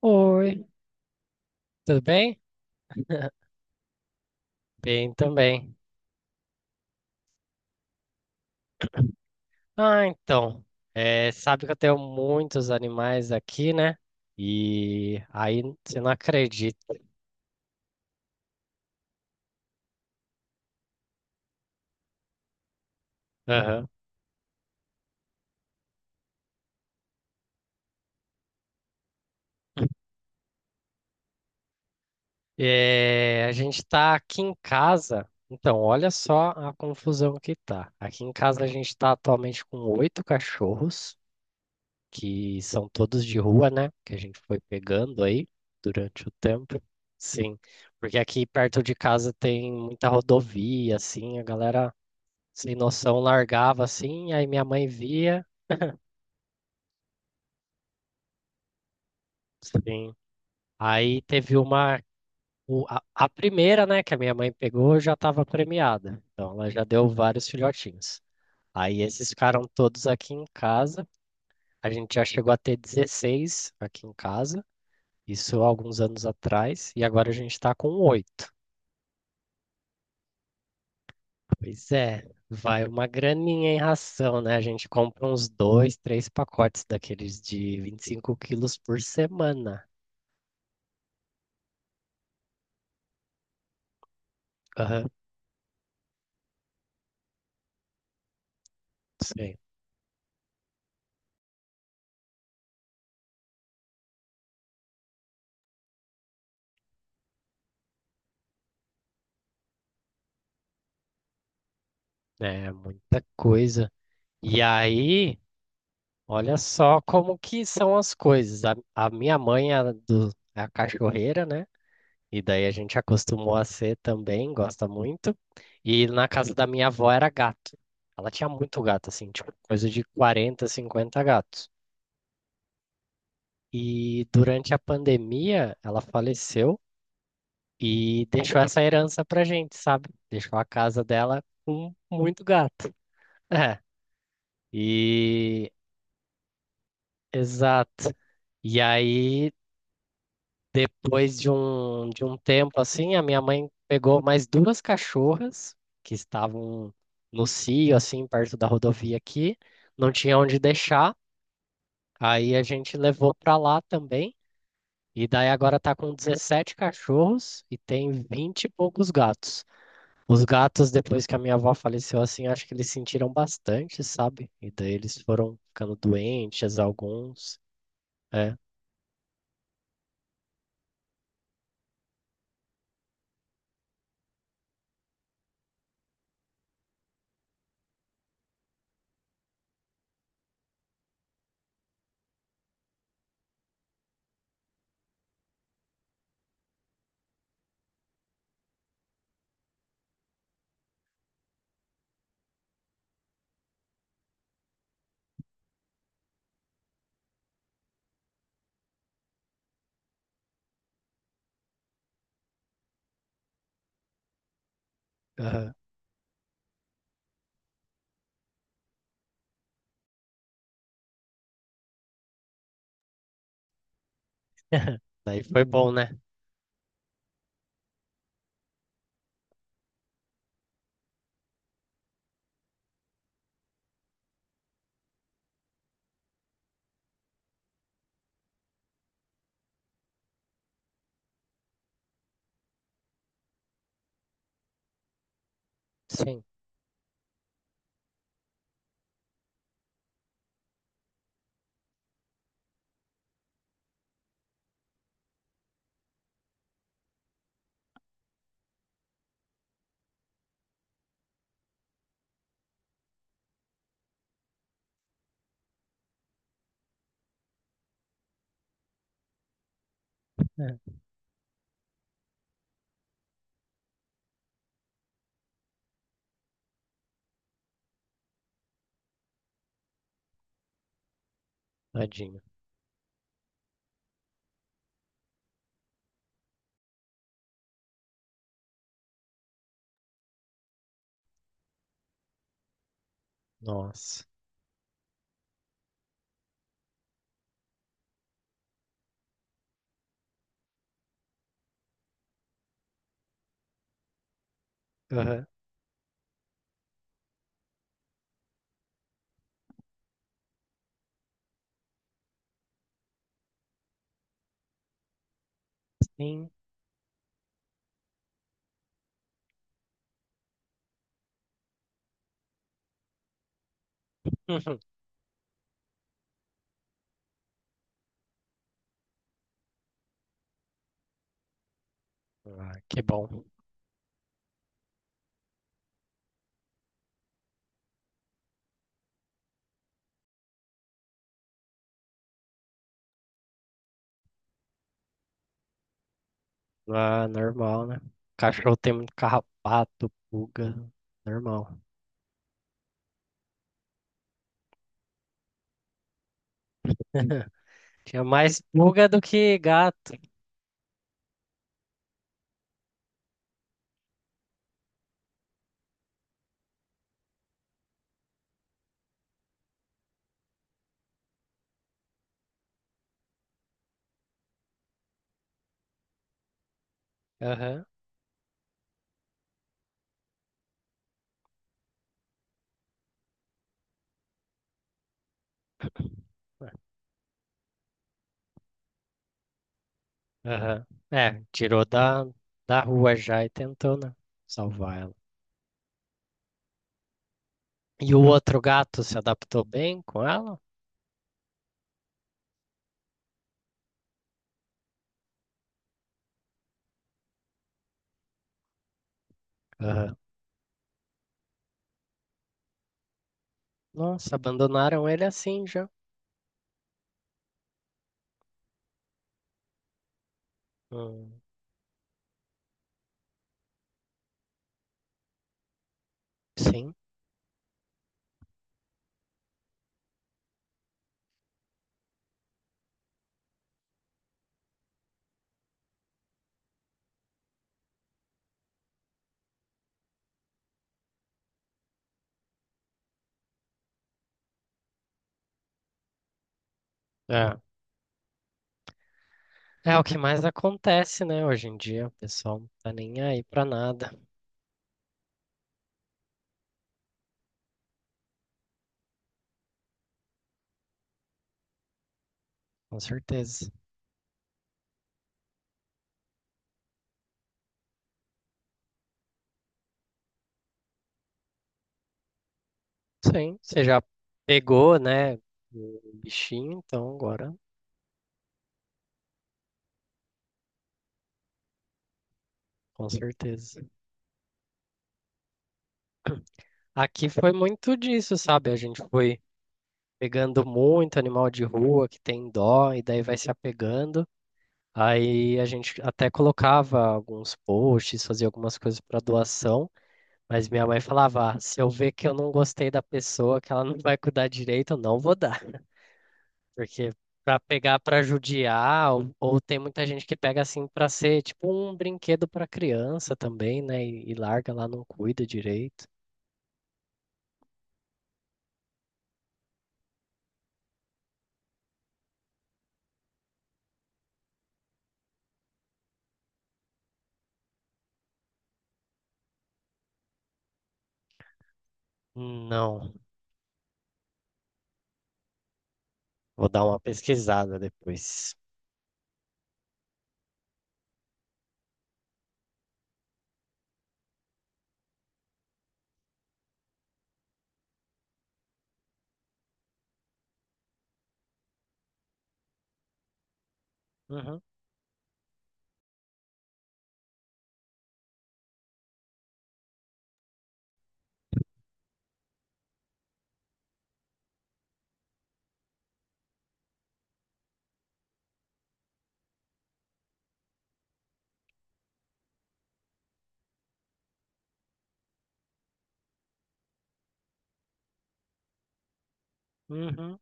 Oi, tudo bem? Bem também. Ah, então, é, sabe que eu tenho muitos animais aqui, né? E aí você não acredita. Aham. É, a gente tá aqui em casa. Então, olha só a confusão que tá. Aqui em casa a gente tá atualmente com oito cachorros, que são todos de rua, né? Que a gente foi pegando aí durante o tempo. Sim, porque aqui perto de casa tem muita rodovia, assim, a galera sem noção, largava assim, aí minha mãe via. Sim. Aí teve uma. A primeira, né, que a minha mãe pegou já estava premiada. Então ela já deu vários filhotinhos. Aí esses ficaram todos aqui em casa. A gente já chegou a ter 16 aqui em casa. Isso há alguns anos atrás. E agora a gente está com oito. Pois é, vai uma graninha em ração, né? A gente compra uns dois, três pacotes daqueles de 25 quilos por semana. Aham, sim. É muita coisa. E aí, olha só como que são as coisas. A minha mãe é a cachorreira, né? E daí a gente acostumou a ser também, gosta muito. E na casa da minha avó era gato. Ela tinha muito gato, assim, tipo, coisa de 40 50 gatos. E durante a pandemia, ela faleceu e deixou essa herança pra gente, sabe? Deixou a casa dela com muito gato. É. E. Exato. E aí, depois de um tempo assim, a minha mãe pegou mais duas cachorras que estavam no cio, assim, perto da rodovia aqui, não tinha onde deixar. Aí a gente levou para lá também. E daí agora tá com 17 cachorros e tem 20 e poucos gatos. Os gatos, depois que a minha avó faleceu, assim, acho que eles sentiram bastante, sabe? E daí eles foram ficando doentes, alguns. É. Aham. Daí foi bom, né? Sim. É. Tadinho. Nossa. Aham. Sim. Uhum. Ah, que bom. Ah, normal, né? Cachorro tem muito carrapato, pulga. Normal. Tinha mais pulga do que gato. Aham. Aham. É, tirou da rua já e tentou, né? Salvar ela. E o outro gato se adaptou bem com ela? Aham. Nossa, abandonaram ele assim já. Hum, sim. É o que mais acontece, né? Hoje em dia, o pessoal não tá nem aí pra nada, com certeza. Sim, você já pegou, né, o bichinho, então agora, com certeza. Aqui foi muito disso, sabe? A gente foi pegando muito animal de rua que tem dó, e daí vai se apegando. Aí a gente até colocava alguns posts, fazia algumas coisas para doação, mas minha mãe falava: "Ah, se eu ver que eu não gostei da pessoa, que ela não vai cuidar direito, eu não vou dar. Porque pra pegar pra judiar, ou tem muita gente que pega assim pra ser tipo um brinquedo pra criança também, né? E larga lá, não cuida direito. Não, vou dar uma pesquisada depois. Uhum, uhum.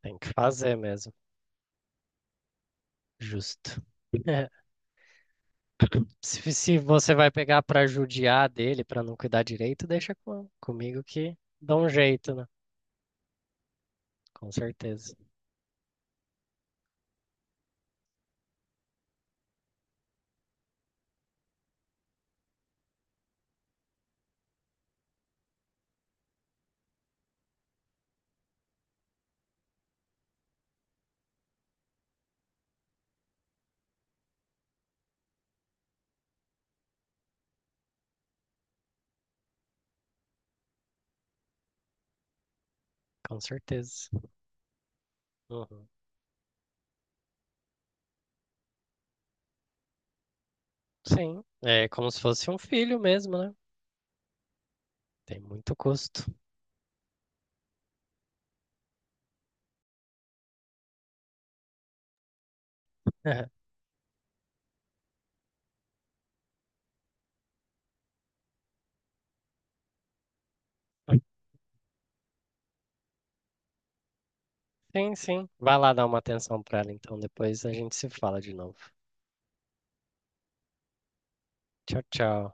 Tem que fazer mesmo, justo. É, se você vai pegar pra judiar dele, pra não cuidar direito, deixa comigo que dá um jeito, né? Com certeza, com certeza. Uhum. Sim, é como se fosse um filho mesmo, né? Tem muito custo. Sim, sim. Vai lá dar uma atenção pra ela, então. Depois a gente se fala de novo. Tchau, tchau.